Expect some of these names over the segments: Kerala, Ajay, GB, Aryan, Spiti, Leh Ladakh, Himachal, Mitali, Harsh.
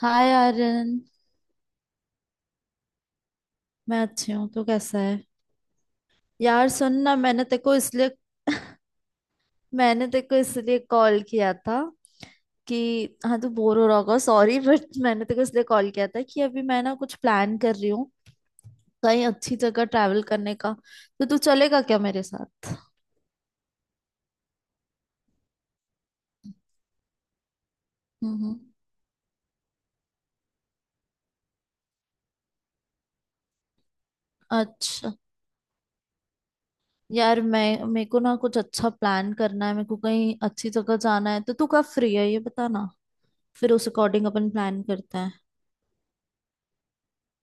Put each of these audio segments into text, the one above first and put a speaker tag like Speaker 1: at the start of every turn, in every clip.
Speaker 1: हाय आर्यन। मैं अच्छी हूँ, तू कैसा है? यार सुन ना, मैंने तेरे को इसलिए मैंने तेरे को इसलिए कॉल किया था कि हाँ तू बोर हो रहा होगा, सॉरी बट मैंने तेरे को इसलिए कॉल किया था कि अभी मैं ना कुछ प्लान कर रही हूँ कहीं अच्छी जगह ट्रैवल करने का। तो तू चलेगा क्या मेरे साथ? हम्म। अच्छा, यार मैं मेरे को ना कुछ अच्छा प्लान करना है, मेरे को कहीं अच्छी जगह जाना है, तो तू कब फ्री है ये बता ना, फिर उस अकॉर्डिंग अपन प्लान करते हैं।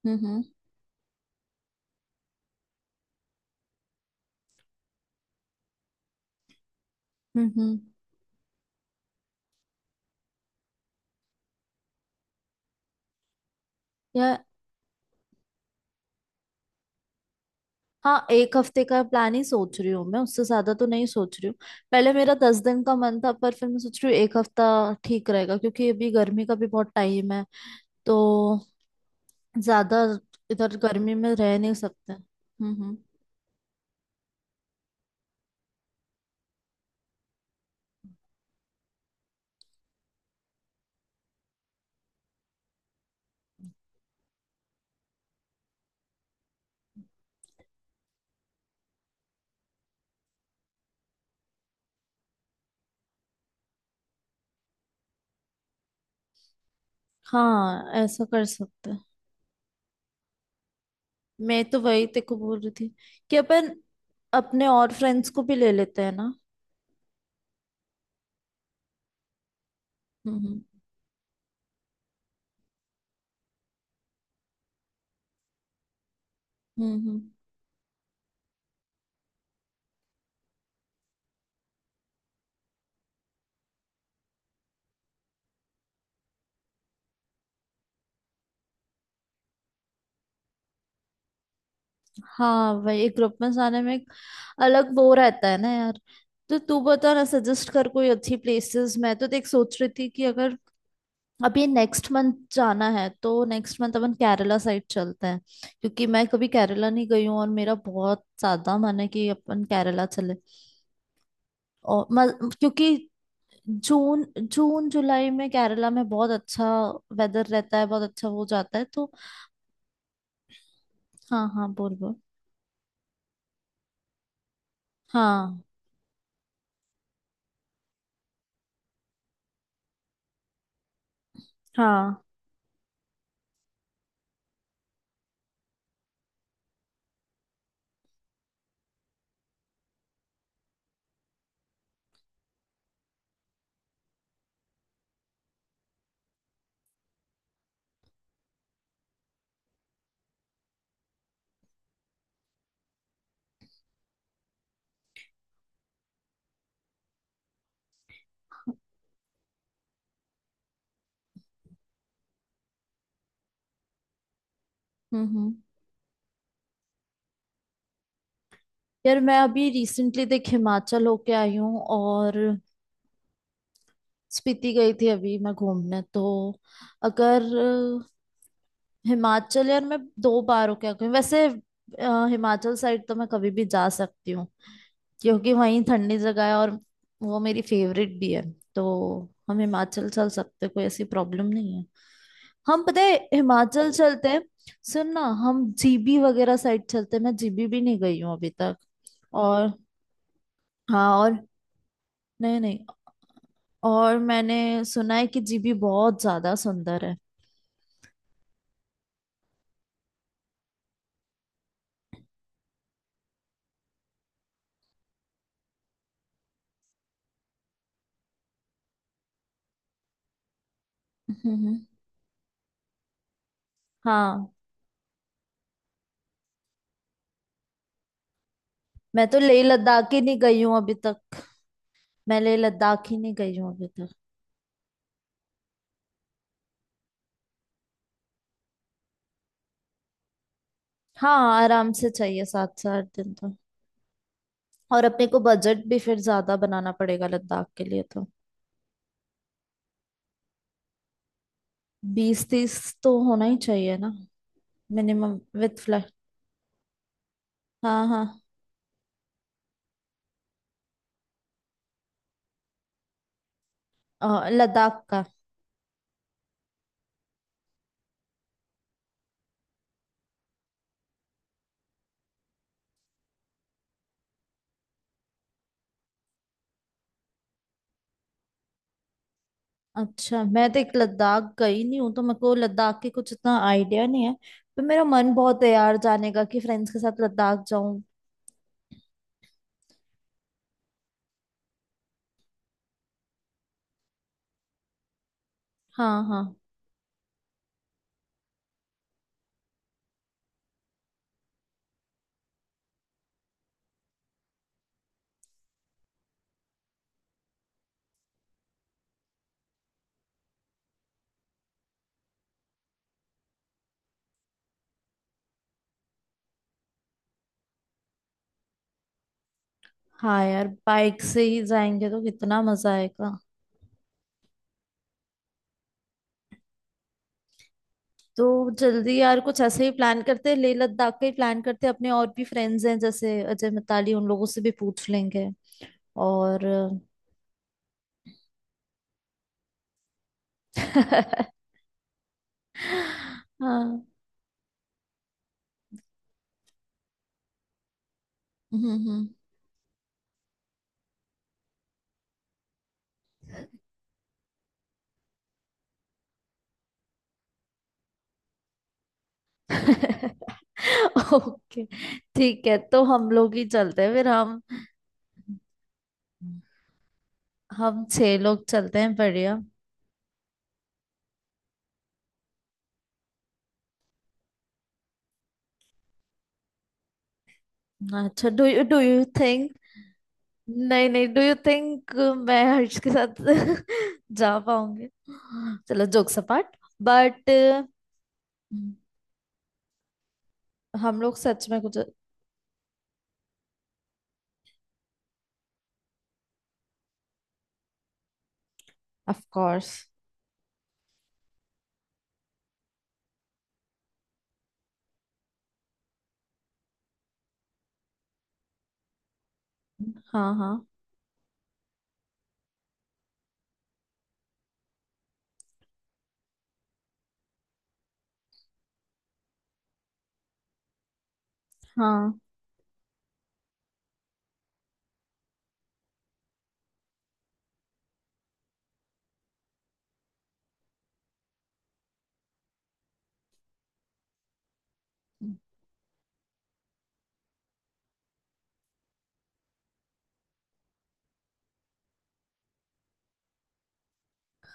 Speaker 1: हम्म हम्म। यार, हाँ, एक हफ्ते का प्लान ही सोच रही हूँ मैं, उससे ज्यादा तो नहीं सोच रही हूँ। पहले मेरा 10 दिन का मन था, पर फिर मैं सोच रही हूँ एक हफ्ता ठीक रहेगा क्योंकि अभी गर्मी का भी बहुत टाइम है, तो ज्यादा इधर गर्मी में रह नहीं सकते। हम्म। हाँ, ऐसा कर सकते हैं। मैं तो वही तेरे को बोल रही थी कि अपने और फ्रेंड्स को भी ले लेते हैं ना। हम्म हम्म हम्म हम्म। हाँ, वही ग्रुप में जाने में एक अलग वो रहता है ना यार। तो तू बता ना, सजेस्ट कर कोई अच्छी प्लेसेस। मैं तो देख सोच रही थी कि अगर अभी नेक्स्ट मंथ जाना है तो नेक्स्ट मंथ अपन केरला साइड चलते हैं, क्योंकि मैं कभी केरला नहीं गई हूँ और मेरा बहुत ज्यादा मन है कि अपन केरला चले। और क्योंकि जून जून जुलाई में केरला में बहुत अच्छा वेदर रहता है, बहुत अच्छा हो जाता है तो। हाँ हाँ, बोल बोल। हाँ हाँ। हम्म। यार, मैं अभी रिसेंटली देख हिमाचल होके आई हूँ और स्पीति गई थी अभी मैं घूमने। तो अगर हिमाचल, यार मैं 2 बार होके आई हूँ वैसे। हिमाचल साइड तो मैं कभी भी जा सकती हूँ क्योंकि वहीं ठंडी जगह है, और वो मेरी फेवरेट भी है, तो हम हिमाचल चल सकते हैं, कोई ऐसी प्रॉब्लम नहीं है। हम, पता है, हिमाचल चलते हैं। सुन ना, हम जीबी वगैरह साइड चलते हैं, मैं जीबी भी नहीं गई हूँ अभी तक। और हाँ, और नहीं नहीं, और मैंने सुना है कि जीबी बहुत ज्यादा सुंदर है। हम्म। हाँ, मैं तो लेह लद्दाख ही नहीं गई हूँ अभी तक। मैं लेह लद्दाख ही नहीं गई हूँ अभी तक। हाँ, आराम से चाहिए 7 से 8 दिन तो। और अपने को बजट भी फिर ज्यादा बनाना पड़ेगा लद्दाख के लिए, तो 20-30 तो होना ही चाहिए ना, मिनिमम विथ फ्लाइट। हाँ हाँ। लद्दाख का। अच्छा, मैं तो एक लद्दाख गई नहीं हूँ, तो मेरे को लद्दाख के कुछ इतना आइडिया नहीं है, पर मेरा मन बहुत है यार जाने का कि फ्रेंड्स के साथ लद्दाख जाऊं। हाँ हाँ। हाँ यार, बाइक से ही जाएंगे तो कितना मजा आएगा। तो जल्दी यार, कुछ ऐसे ही प्लान करते हैं, लेह लद्दाख का ही प्लान करते हैं। अपने और भी फ्रेंड्स हैं जैसे अजय, मिताली, उन लोगों से भी पूछ लेंगे। और हाँ। हम्म। ओके, ठीक है, तो हम लोग ही चलते हैं फिर। हम 6 लोग चलते हैं, बढ़िया। अच्छा, डू यू थिंक? नहीं नहीं, डू यू थिंक मैं हर्ष के साथ जा पाऊंगी? चलो जोक सपाट, बट हम लोग सच में कुछ। Of course. हाँ हाँ हाँ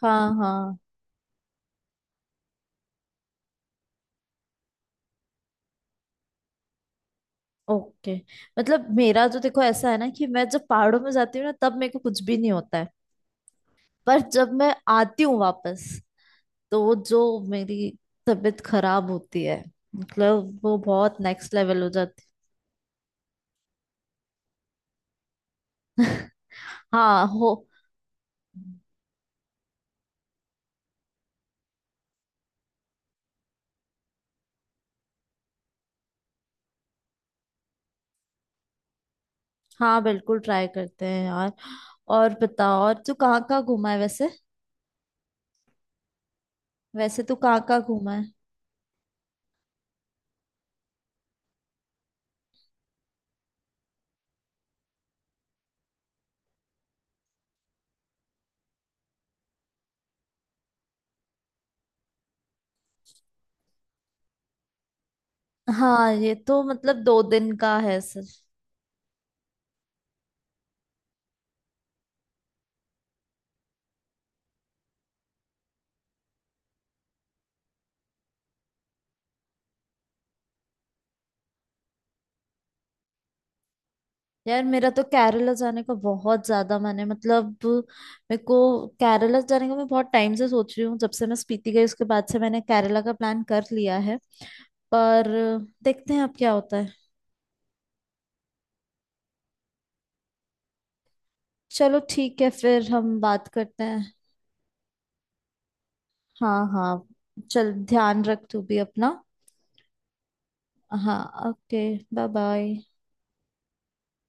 Speaker 1: हाँ हाँ, ओके। मतलब मेरा तो देखो, ऐसा है ना कि मैं जब पहाड़ों में जाती हूँ ना, तब मेरे को कुछ भी नहीं होता है। पर जब मैं आती हूँ वापस, तो वो जो मेरी तबीयत खराब होती है, मतलब वो बहुत नेक्स्ट लेवल हो जाती है। हाँ हो। हाँ, बिल्कुल ट्राई करते हैं यार। और बताओ, और तू कहाँ कहाँ घूमा है वैसे? वैसे तू कहाँ कहाँ घूमा है? हाँ, ये तो मतलब 2 दिन का है सर। यार, मेरा तो केरला जाने का बहुत ज्यादा मन है, मतलब मेरे को केरला जाने का मैं बहुत टाइम से सोच रही हूँ। जब से मैं स्पीति गई, उसके बाद से मैंने केरला का प्लान कर लिया है, पर देखते हैं अब क्या होता है। चलो ठीक है, फिर हम बात करते हैं। हाँ हाँ। चल, ध्यान रख तू भी अपना। हाँ, ओके। Bye bye.